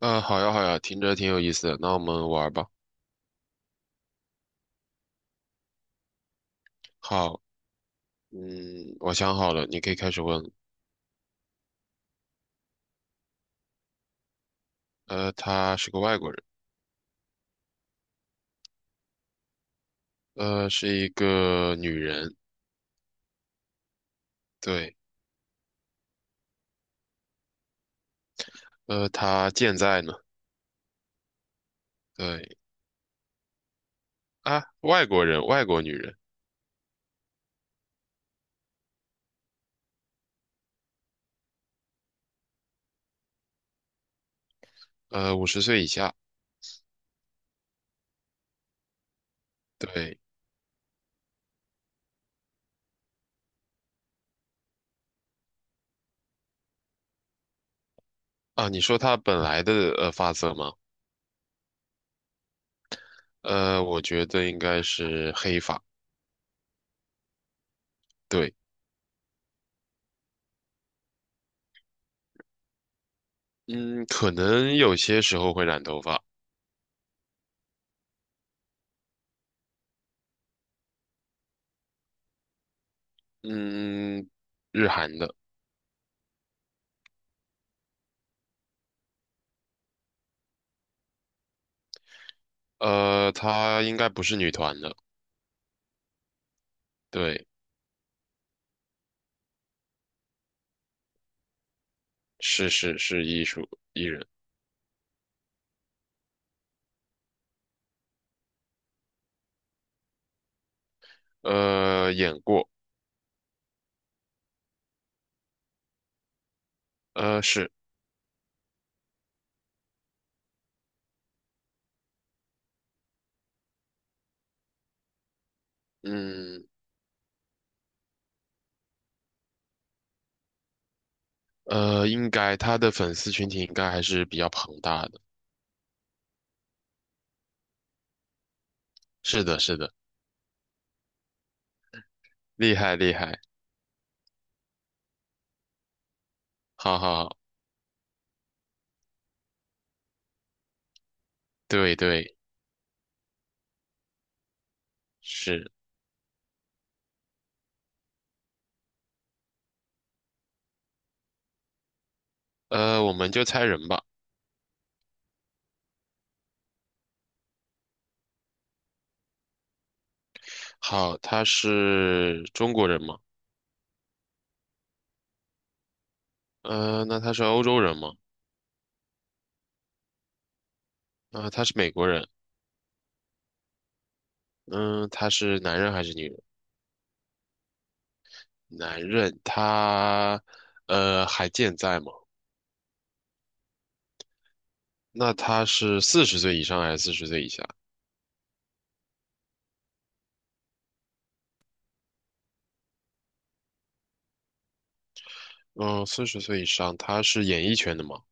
好呀，好呀，听着挺有意思的，那我们玩儿吧。好，嗯，我想好了，你可以开始问。她是个外国人。是一个女人。对。她健在呢。对。啊，外国人，外国女人。50岁以下。对。啊，你说她本来的发色吗？我觉得应该是黑发。对。嗯，可能有些时候会染头发。嗯，日韩的。她应该不是女团的。对。是是是艺人。演过。是。嗯应该他的粉丝群体应该还是比较庞大的。是的是的。厉害厉害。好好好。对对是。我们就猜人吧。好，他是中国人吗？那他是欧洲人吗？啊、他是美国人。嗯，他是男人还是女人？男人，他还健在吗？那他是四十岁以上还是四十岁以下？嗯，四十岁以上，他是演艺圈的吗？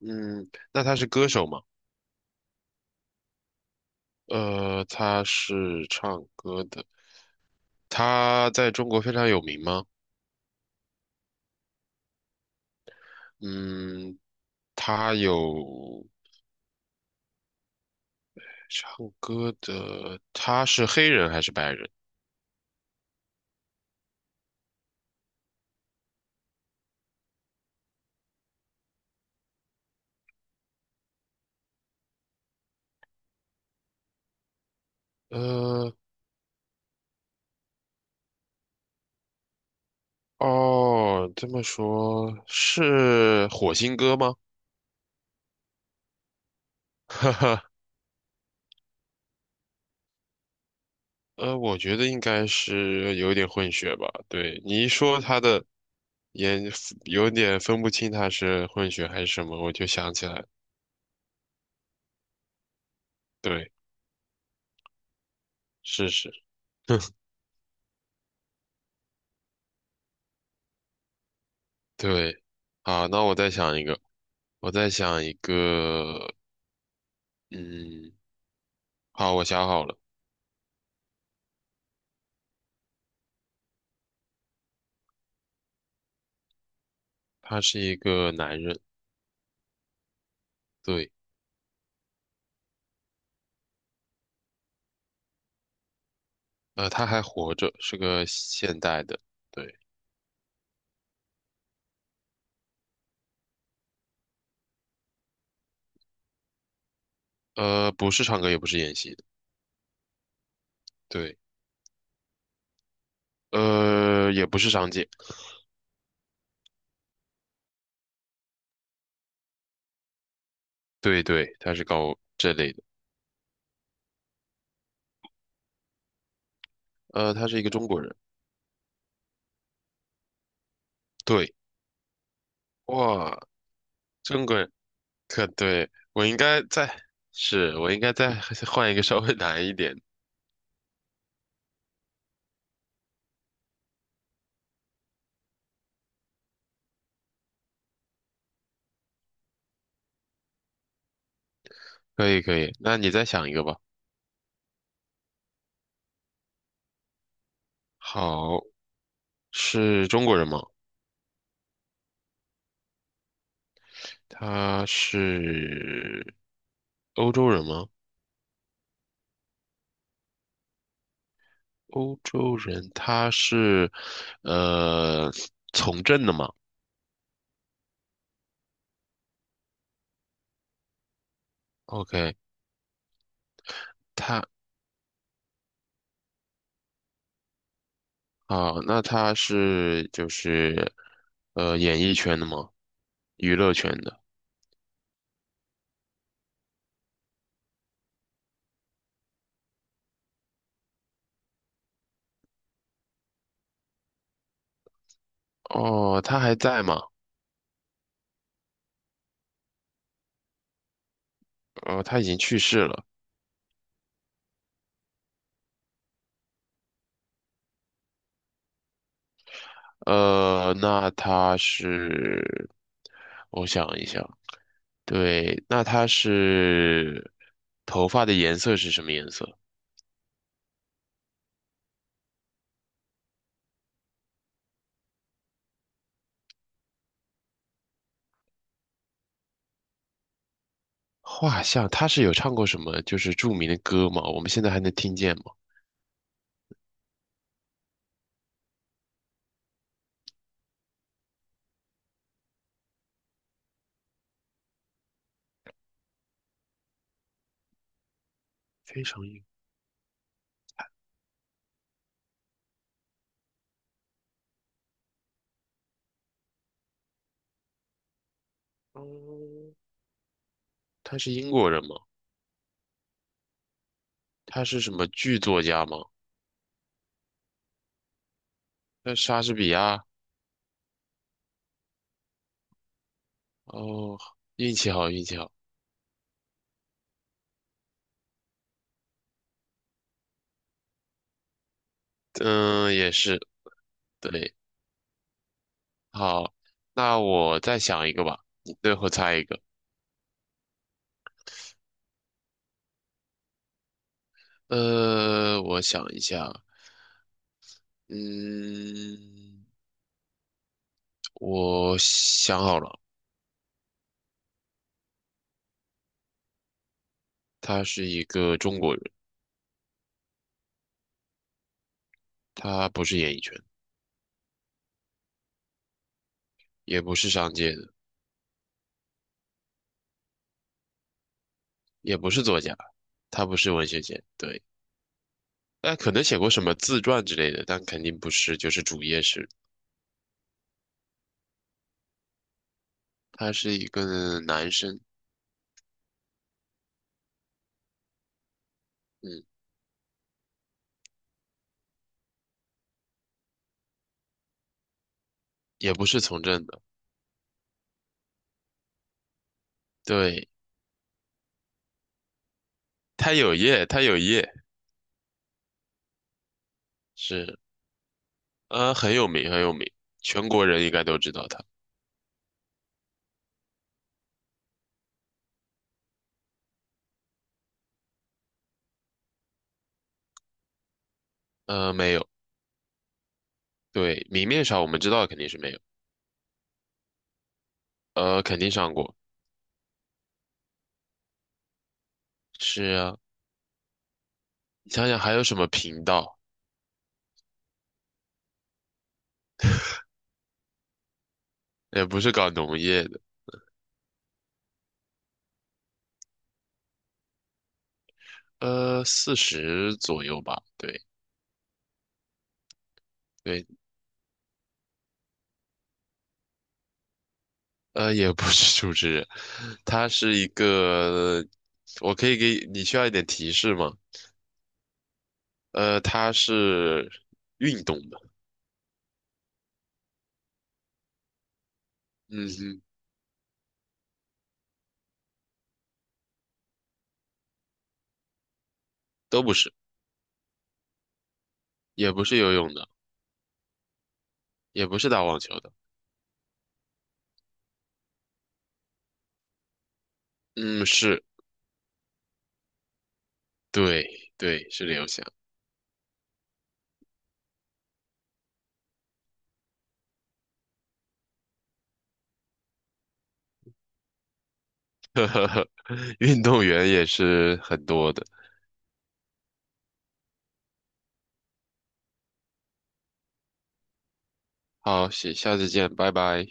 嗯，那他是歌手吗？他是唱歌的。他在中国非常有名吗？嗯，他有唱歌的，他是黑人还是白人？呃，哦，这么说是火星哥吗？我觉得应该是有点混血吧。对，你一说他的也有点分不清他是混血还是什么，我就想起来了。对，是是，对。好，那我再想一个，嗯，好，我想好了。他是一个男人。对。他还活着，是个现代的。对。不是唱歌，也不是演戏的。对。也不是商界。对对，他是搞这类的。他是一个中国人。对。哇，中国人，可对，我应该再，是，我应该再换一个稍微难一点。可以，可以，那你再想一个吧。好，是中国人吗？他是欧洲人吗？欧洲人，他是呃从政的吗？OK，他啊，那他是就是演艺圈的吗？娱乐圈的。哦，他还在吗？哦，他已经去世了。那他是，我想一想。对，那他是头发的颜色是什么颜色？画像，他是有唱过什么就是著名的歌吗？我们现在还能听见吗？非常英，嗯，他是英国人吗？他是什么剧作家吗？那莎士比亚？哦，运气好，运气好。嗯，也是，对。好，那我再想一个吧，你最后猜一个。我想一下。嗯，我想好了。他是一个中国人。他不是演艺圈。也不是商界的。也不是作家。他不是文学界，对。但可能写过什么自传之类的，但肯定不是，就是主业是。他是一个男生。嗯，也不是从政的。对。他有业，他有业。是。很有名，很有名。全国人应该都知道他。没有。对。明面上我们知道肯定是没有。肯定上过。是啊。你想想还有什么频道？也不是搞农业的。四十左右吧。对对。也不是主持人。他是一个，我可以给你需要一点提示吗？他是运动的。嗯哼。都不是。也不是游泳的。也不是打网球的。嗯，是。对对，是刘翔。运动员也是很多的。好，下下次见，拜拜。